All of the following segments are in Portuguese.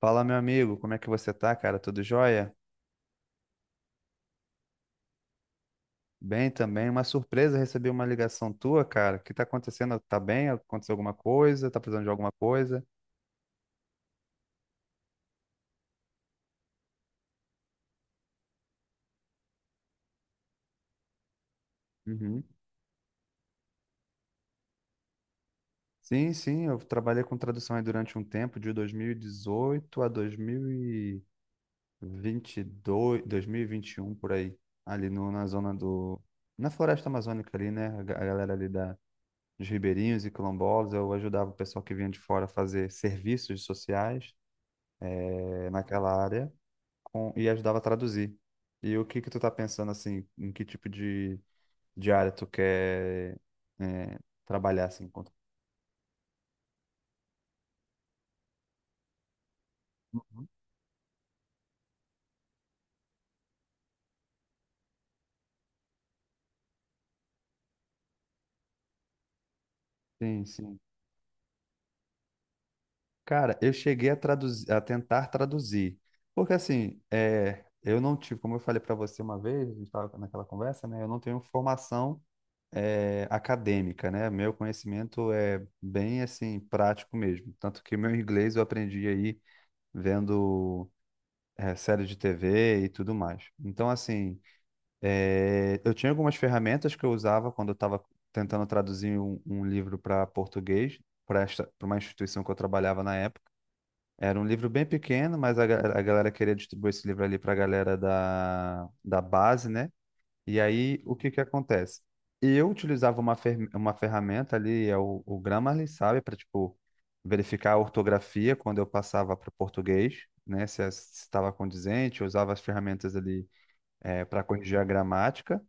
Fala, meu amigo, como é que você tá, cara? Tudo jóia? Bem também. Uma surpresa, recebi uma ligação tua, cara. O que tá acontecendo? Tá bem? Aconteceu alguma coisa? Tá precisando de alguma coisa? Uhum. Sim, eu trabalhei com tradução aí durante um tempo, de 2018 a 2022, 2021, por aí. Ali no, na zona do... Na floresta amazônica ali, né? A galera ali dos ribeirinhos e quilombolas. Eu ajudava o pessoal que vinha de fora a fazer serviços sociais, naquela área. E ajudava a traduzir. E o que que tu tá pensando assim, em que tipo de área tu quer é, trabalhar assim? Uhum. Sim. Cara, eu cheguei a traduzir, a tentar traduzir, porque assim, eu não tive, como eu falei para você uma vez, a gente estava naquela conversa, né? Eu não tenho formação acadêmica, né? Meu conhecimento é bem assim prático mesmo, tanto que meu inglês eu aprendi aí vendo série de TV e tudo mais. Então assim, é, eu tinha algumas ferramentas que eu usava quando eu estava tentando traduzir um livro para português, para uma instituição que eu trabalhava na época. Era um livro bem pequeno, mas a galera queria distribuir esse livro ali para a galera da base, né? E aí, o que que acontece? Eu utilizava uma ferramenta ali, é o Grammarly, sabe? Para, tipo, verificar a ortografia quando eu passava para o português, né? Se estava condizente, eu usava as ferramentas ali, para corrigir a gramática.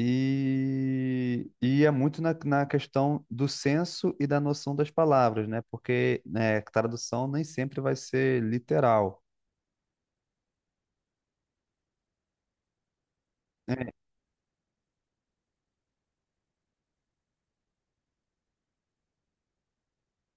E é muito na questão do senso e da noção das palavras, né? Porque né, tradução nem sempre vai ser literal. É,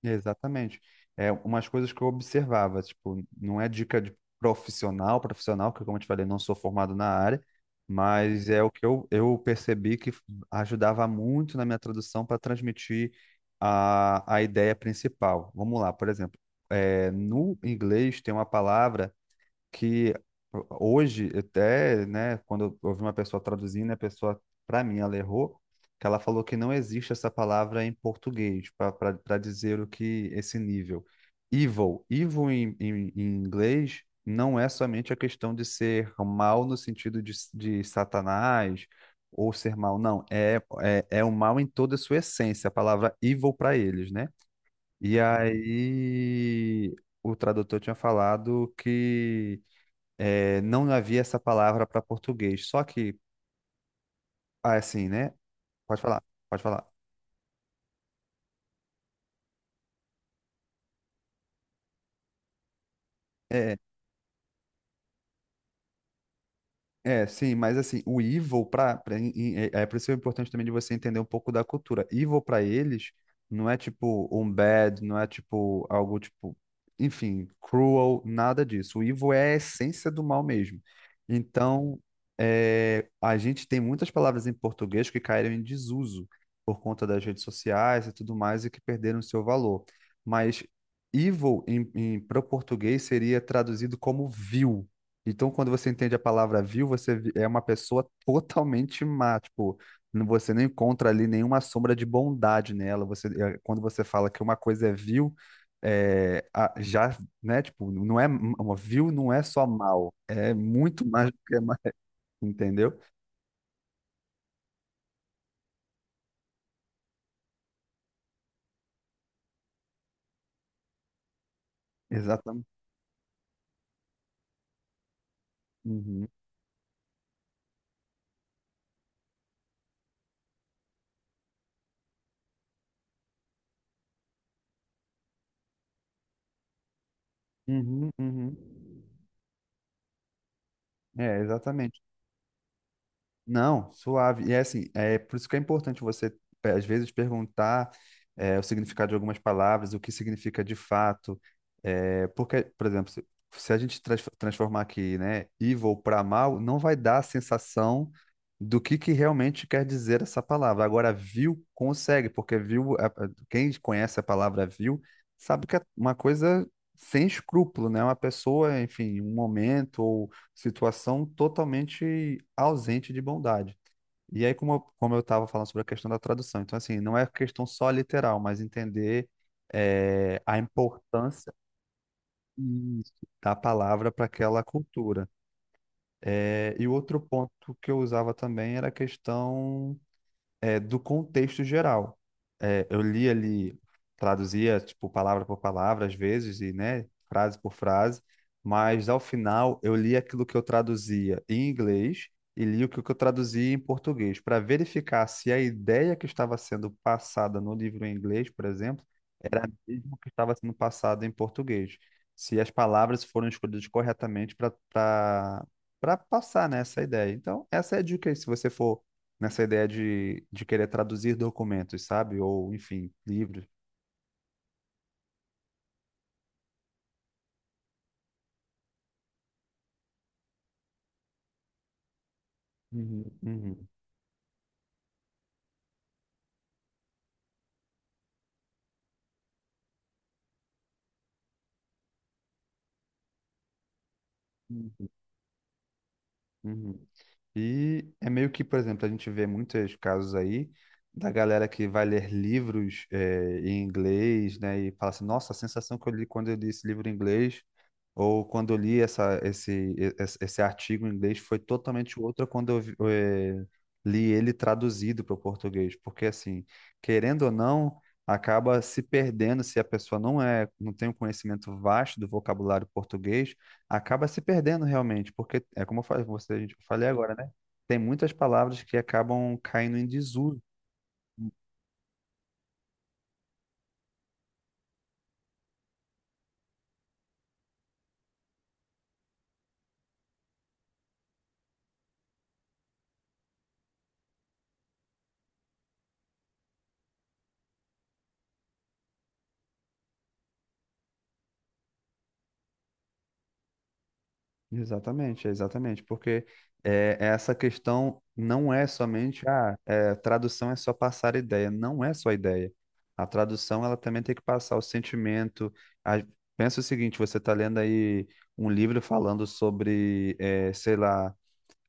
exatamente. É umas coisas que eu observava, tipo, não é dica de profissional, que como eu te falei, não sou formado na área, mas é o que eu percebi que ajudava muito na minha tradução para transmitir a ideia principal. Vamos lá, por exemplo, no inglês tem uma palavra que hoje até, né, quando eu ouvi uma pessoa traduzindo, a pessoa, para mim, ela errou, que ela falou que não existe essa palavra em português para dizer o que esse nível. Evil, evil em inglês não é somente a questão de ser mal no sentido de Satanás ou ser mal, não, é o mal em toda a sua essência, a palavra evil para eles, né? E aí o tradutor tinha falado que é, não havia essa palavra para português. Só que, ah, é assim, né? Pode falar, pode falar. É. É, sim, mas assim, o evil é por isso que é importante também de você entender um pouco da cultura. Evil pra eles não é tipo um bad, não é tipo algo tipo, enfim, cruel, nada disso. O evil é a essência do mal mesmo. Então, é, a gente tem muitas palavras em português que caíram em desuso por conta das redes sociais e tudo mais e que perderam seu valor. Mas evil para o português seria traduzido como vil. Então, quando você entende a palavra vil, você é uma pessoa totalmente má, tipo, você não encontra ali nenhuma sombra de bondade nela. Você, é, quando você fala que uma coisa é vil, é, a- já, né, tipo, não é m- uma vil, não é só mal, é muito mais do que é mal, entendeu? Exatamente. Uhum, uhum. É, exatamente. Não, suave. E é assim, é por isso que é importante você, às vezes, perguntar o significado de algumas palavras, o que significa de fato. É, porque, por exemplo, se a gente transformar aqui, né, evil para mal, não vai dar a sensação do que realmente quer dizer essa palavra. Agora, vil consegue, porque vil, quem conhece a palavra vil sabe que é uma coisa sem escrúpulo, né? Uma pessoa, enfim, um momento situação totalmente ausente de bondade. E aí, como como eu estava falando sobre a questão da tradução, então, assim, não é questão só literal, mas entender a importância. Isso. Da palavra para aquela cultura. Eh, e o outro ponto que eu usava também era a questão do contexto geral. É, eu li ali, traduzia, tipo, palavra por palavra, às vezes, e, né, frase por frase, mas ao final eu li aquilo que eu traduzia em inglês e li o que eu traduzia em português, para verificar se a ideia que estava sendo passada no livro em inglês, por exemplo, era a mesma que estava sendo passada em português. Se as palavras foram escolhidas corretamente para passar, né, essa ideia. Então, essa é a dica aí, se você for nessa ideia de querer traduzir documentos, sabe? Ou, enfim, livros. Uhum, Uhum, uhum. Uhum. E é meio que, por exemplo, a gente vê muitos casos aí da galera que vai ler livros em inglês, né, e fala assim, nossa, a sensação que eu li quando eu li esse livro em inglês, ou quando eu li essa, esse, e- esse, esse artigo em inglês foi totalmente outra quando eu li ele traduzido para o português, porque assim, querendo ou não, acaba se perdendo se a pessoa não é, não tem um conhecimento vasto do vocabulário português, acaba se perdendo realmente, porque é como eu falei, você, eu falei agora, né? Tem muitas palavras que acabam caindo em desuso. Exatamente, exatamente, porque essa questão não é somente a tradução é só passar ideia, não é só ideia. A tradução ela também tem que passar o sentimento. A- Pensa o seguinte, você está lendo aí um livro falando sobre, é, sei lá,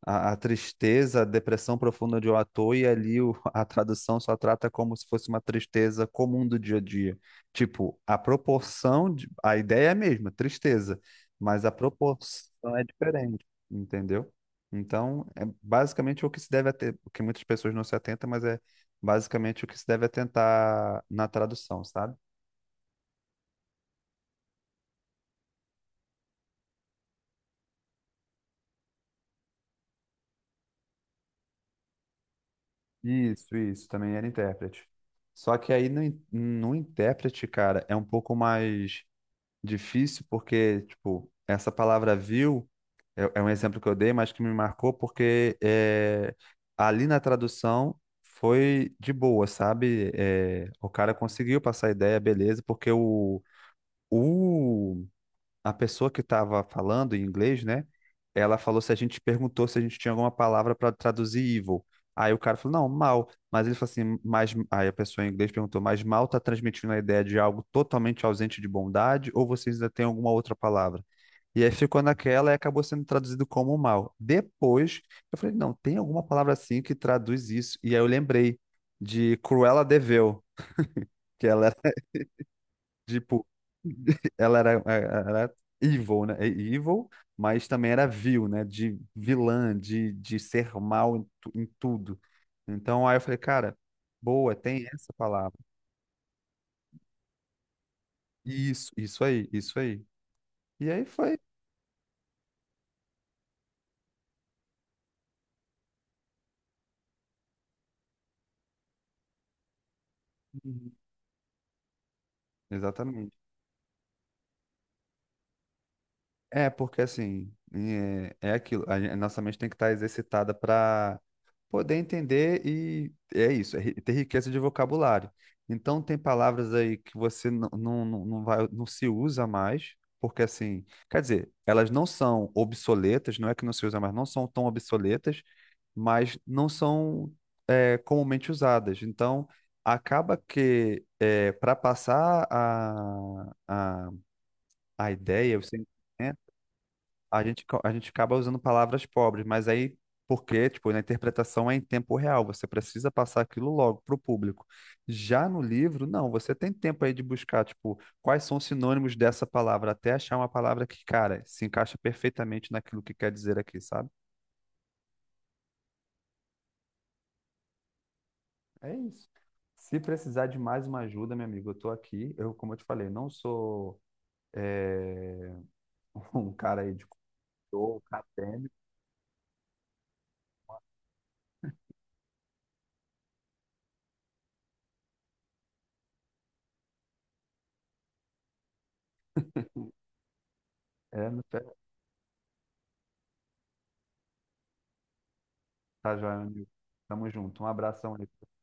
a tristeza, a depressão profunda de um ator, e ali a tradução só trata como se fosse uma tristeza comum do dia a dia. Tipo, a ideia é a mesma, tristeza, mas a proporção é diferente, entendeu? Então, é basicamente o que se deve ater, o que muitas pessoas não se atentam, mas é basicamente o que se deve atentar na tradução, sabe? Isso, também era intérprete. Só que aí no intérprete, cara, é um pouco mais difícil porque, tipo, essa palavra viu é um exemplo que eu dei, mas que me marcou porque é, ali na tradução foi de boa, sabe? É, o cara conseguiu passar a ideia, beleza, porque o a pessoa que estava falando em inglês, né? Ela falou se a gente perguntou se a gente tinha alguma palavra para traduzir evil. Aí o cara falou, não, mal. Mas ele falou assim, mas. Aí a pessoa em inglês perguntou, mas mal está transmitindo a ideia de algo totalmente ausente de bondade, ou vocês ainda têm alguma outra palavra? E aí ficou naquela e acabou sendo traduzido como mal. Depois, eu falei, não, tem alguma palavra assim que traduz isso. E aí eu lembrei de Cruella de Vil, que ela era. Tipo, ela era evil, né? É Evil, mas também era vil, né? De vilã, de ser mal em tudo. Então aí eu falei, cara, boa, tem essa palavra. Isso aí. E aí foi. Uhum. Exatamente. É, porque assim, é aquilo, a nossa mente tem que estar exercitada para poder entender e é isso, ter riqueza de vocabulário. Então tem palavras aí que você não vai, não se usa mais, porque assim, quer dizer, elas não são obsoletas, não é que não se usa mais, não são tão obsoletas, mas não são comumente usadas. Então acaba que para passar a ideia, você, é, a gente, a gente acaba usando palavras pobres, mas aí, porque, tipo, na interpretação é em tempo real, você precisa passar aquilo logo para o público. Já no livro, não, você tem tempo aí de buscar, tipo, quais são os sinônimos dessa palavra, até achar uma palavra que, cara, se encaixa perfeitamente naquilo que quer dizer aqui, sabe? É isso. Se precisar de mais uma ajuda, meu amigo, eu tô aqui. Eu, como eu te falei, não sou eh, um cara aí de cultor, acadêmico. É, não tá Tá joia, meu amigo. Tamo junto. Um abração aí.